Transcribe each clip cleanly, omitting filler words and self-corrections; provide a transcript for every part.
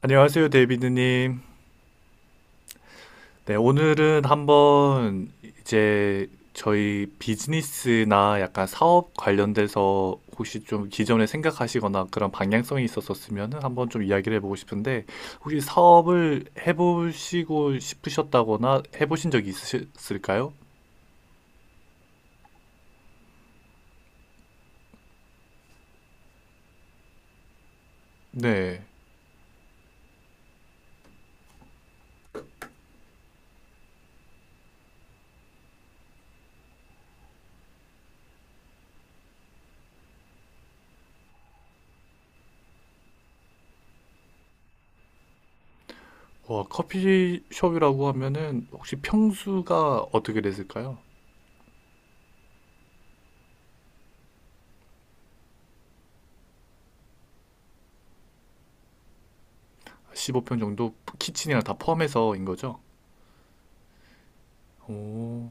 안녕하세요, 데이비드님. 네, 오늘은 한번 이제 저희 비즈니스나 약간 사업 관련돼서 혹시 좀 기존에 생각하시거나 그런 방향성이 있었었으면 한번 좀 이야기를 해보고 싶은데 혹시 사업을 해보시고 싶으셨다거나 해보신 적이 있으실까요? 네. 와, 커피숍이라고 하면은 혹시 평수가 어떻게 됐을까요? 15평 정도 키친이랑 다 포함해서인 거죠? 오,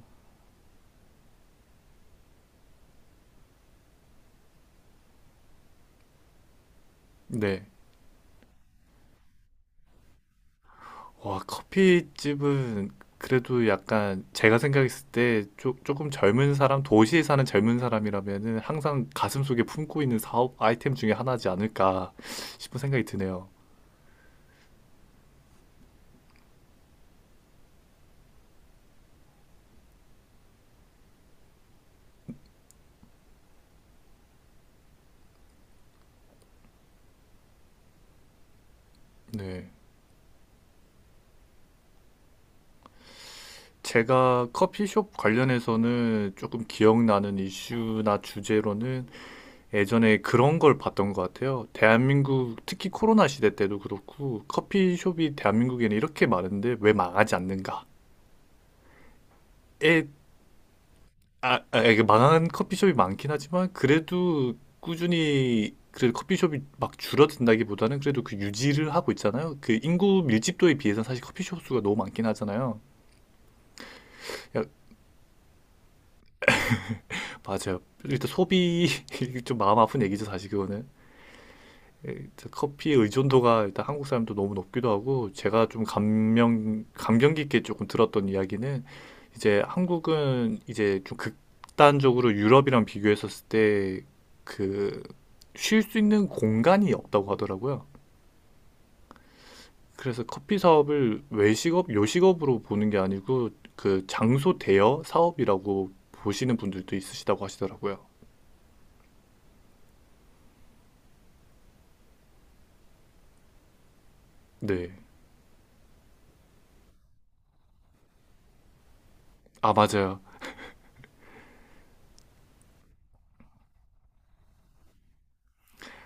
네. 와, 커피집은 그래도 약간 제가 생각했을 때 조금 젊은 사람, 도시에 사는 젊은 사람이라면은 항상 가슴속에 품고 있는 사업 아이템 중에 하나지 않을까 싶은 생각이 드네요. 네. 제가 커피숍 관련해서는 조금 기억나는 이슈나 주제로는 예전에 그런 걸 봤던 것 같아요. 대한민국, 특히 코로나 시대 때도 그렇고, 커피숍이 대한민국에는 이렇게 많은데 왜 망하지 않는가에. 이게 망한 커피숍이 많긴 하지만 그래도 꾸준히 그래도 커피숍이 막 줄어든다기보다는 그래도 그 유지를 하고 있잖아요. 그 인구 밀집도에 비해서는 사실 커피숍 수가 너무 많긴 하잖아요. 야, 맞아요. 일단 소비 좀 마음 아픈 얘기죠, 사실 그거는. 커피 의존도가 일단 한국 사람도 너무 높기도 하고 제가 좀 감명 깊게 조금 들었던 이야기는 이제 한국은 이제 좀 극단적으로 유럽이랑 비교했었을 때 그 쉴 수 있는 공간이 없다고 하더라고요. 그래서 커피 사업을 외식업, 요식업으로 보는 게 아니고 그 장소 대여 사업이라고 보시는 분들도 있으시다고 하시더라고요. 네. 아, 맞아요.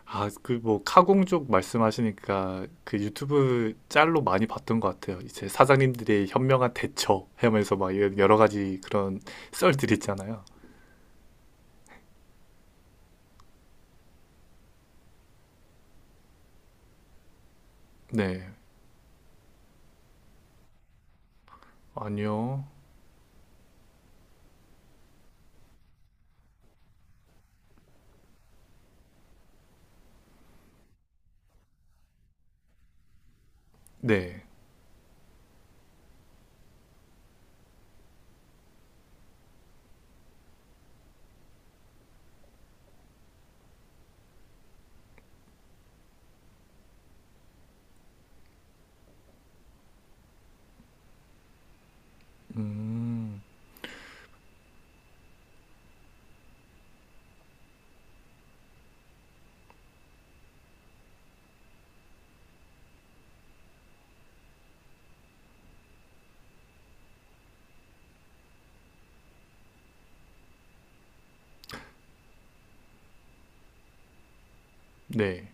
아, 그 뭐 카공 쪽 말씀하시니까 그 유튜브 짤로 많이 봤던 것 같아요. 이제 사장님들의 현명한 대처 하면서 막 이런 여러 가지 그런 썰들 있잖아요. 네. 아니요. 네. 음. 네.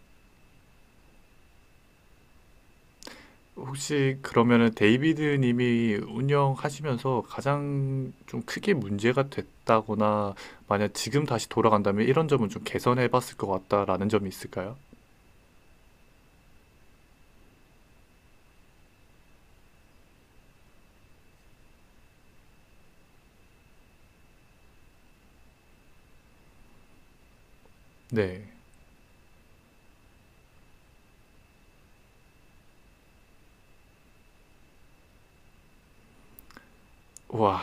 혹시 그러면은 데이비드 님이 운영하시면서 가장 좀 크게 문제가 됐다거나 만약 지금 다시 돌아간다면 이런 점은 좀 개선해 봤을 것 같다라는 점이 있을까요? 네. 와,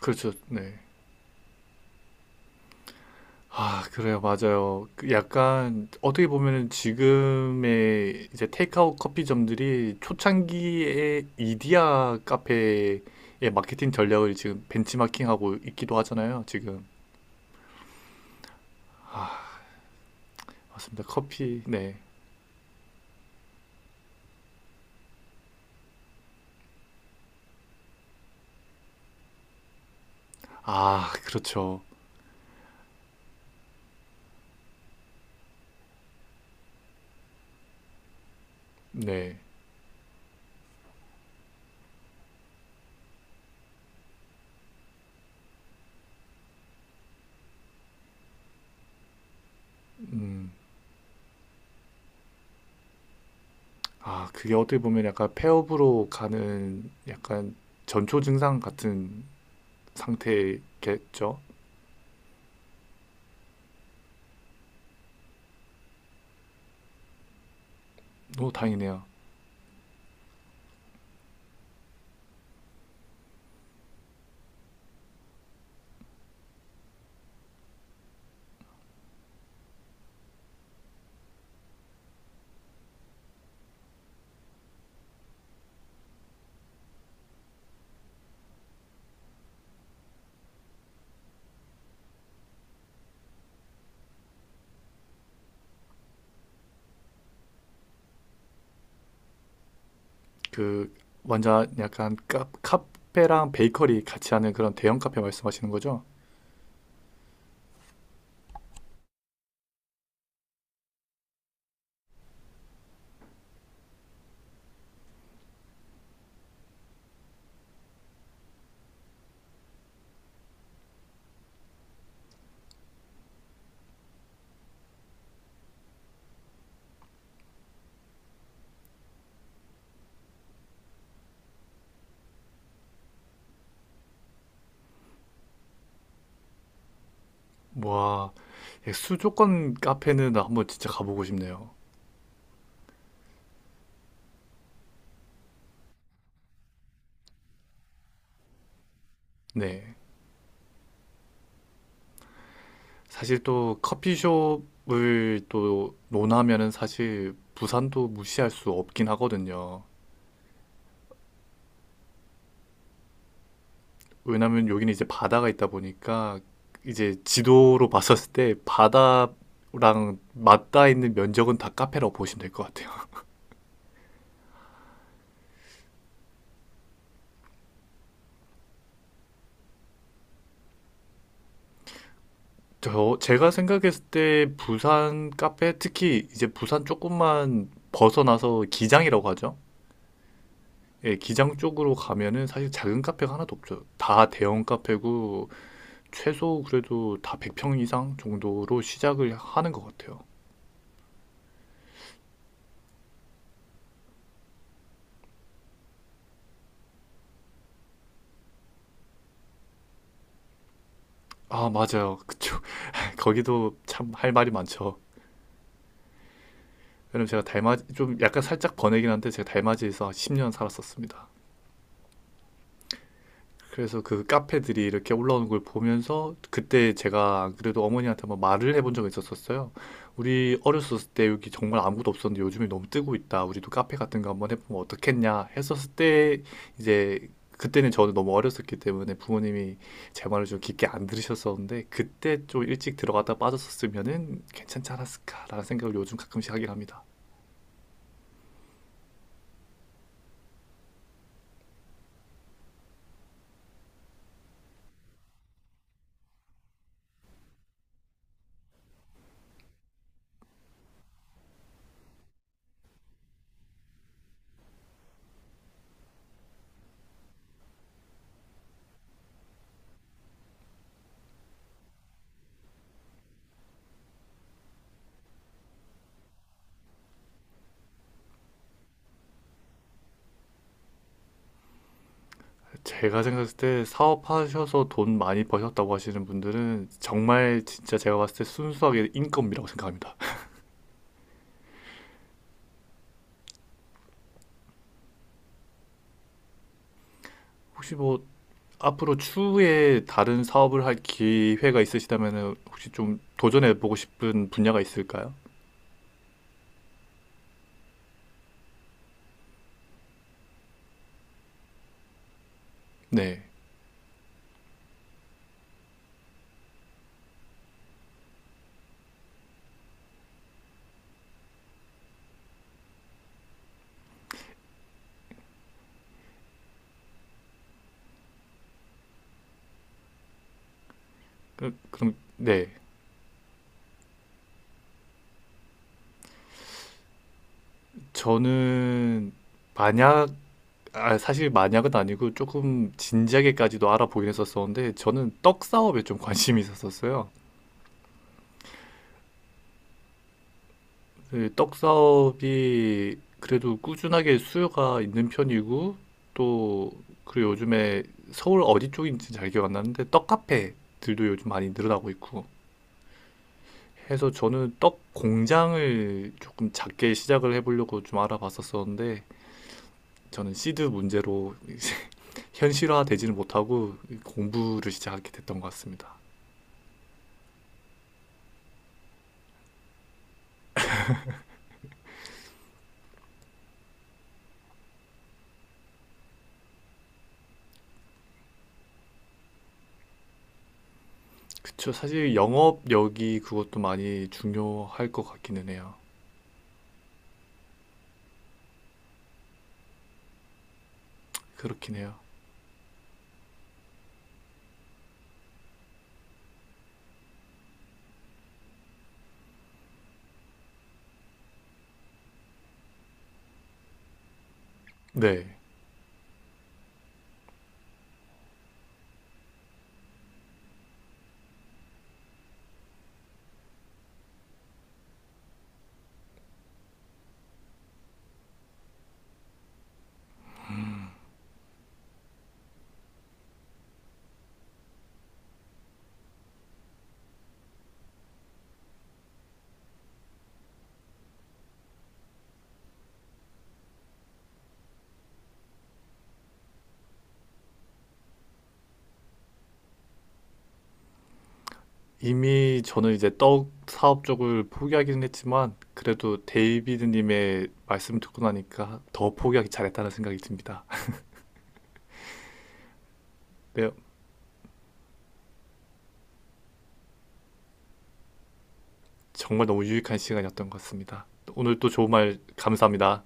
그렇죠. 네. 아, 그래요. 맞아요. 그 약간 어떻게 보면은 지금의 이제 테이크아웃 커피점들이 초창기에 이디야 카페의 마케팅 전략을 지금 벤치마킹하고 있기도 하잖아요. 지금. 맞습니다. 커피. 네. 아, 그렇죠. 네. 음. 아, 그게 어떻게 보면 약간 폐업으로 가는 약간 전초 증상 같은 상태겠죠. 너무 다행이네요. 그 먼저 약간 카페랑 베이커리 같이 하는 그런 대형 카페 말씀하시는 거죠? 와, 예, 수도권 카페는 한번 진짜 가보고 싶네요. 네. 사실 또 커피숍을 또 논하면은 사실 부산도 무시할 수 없긴 하거든요. 왜냐면 여기는 이제 바다가 있다 보니까 이제 지도로 봤었을 때 바다랑 맞닿아 있는 면적은 다 카페라고 보시면 될 것 같아요. 저 제가 생각했을 때 부산 카페 특히 이제 부산 조금만 벗어나서 기장이라고 하죠. 예, 기장 쪽으로 가면은 사실 작은 카페가 하나도 없죠. 다 대형 카페고 최소 그래도 다 100평 이상 정도로 시작을 하는 것 같아요. 아, 맞아요. 그쵸. 거기도 참 할 말이 많죠. 왜냐면 제가 달맞이 좀 약간 살짝 번외긴 한데 제가 달맞이에서 10년 살았었습니다. 그래서 그 카페들이 이렇게 올라오는 걸 보면서 그때 제가 안 그래도 어머니한테 한번 말을 해본 적이 있었었어요. 우리 어렸을 때 여기 정말 아무것도 없었는데 요즘에 너무 뜨고 있다. 우리도 카페 같은 거 한번 해보면 어떻겠냐 했었을 때 이제 그때는 저는 너무 어렸었기 때문에 부모님이 제 말을 좀 깊게 안 들으셨었는데 그때 좀 일찍 들어갔다 빠졌었으면은 괜찮지 않았을까라는 생각을 요즘 가끔씩 하긴 합니다. 제가 생각했을 때 사업하셔서 돈 많이 버셨다고 하시는 분들은 정말 진짜 제가 봤을 때 순수하게 인건비라고 생각합니다. 혹시 뭐 앞으로 추후에 다른 사업을 할 기회가 있으시다면 혹시 좀 도전해 보고 싶은 분야가 있을까요? 네. 그- 럼 네. 저는 만약 아, 사실 만약은 아니고 조금 진지하게까지도 알아보긴 했었었는데 저는 떡 사업에 좀 관심이 있었었어요. 그 떡사업이 그래도 꾸준하게 수요가 있는 편이고 또 그리고 요즘에 서울 어디 쪽인지 잘 기억 안 나는데 떡 카페들도 요즘 많이 늘어나고 있고 해서 저는 떡 공장을 조금 작게 시작을 해보려고 좀 알아봤었었는데 저는 시드 문제로 현실화되지는 못하고 공부를 시작하게 됐던 것 같습니다. 그쵸. 사실 영업력이 그것도 많이 중요할 것 같기는 해요. 그렇긴 해요. 네. 이미 저는 이제 떡 사업 쪽을 포기하기는 했지만 그래도 데이비드님의 말씀 듣고 나니까 더 포기하기 잘했다는 생각이 듭니다. 네, 정말 너무 유익한 시간이었던 것 같습니다. 오늘 또 좋은 말 감사합니다.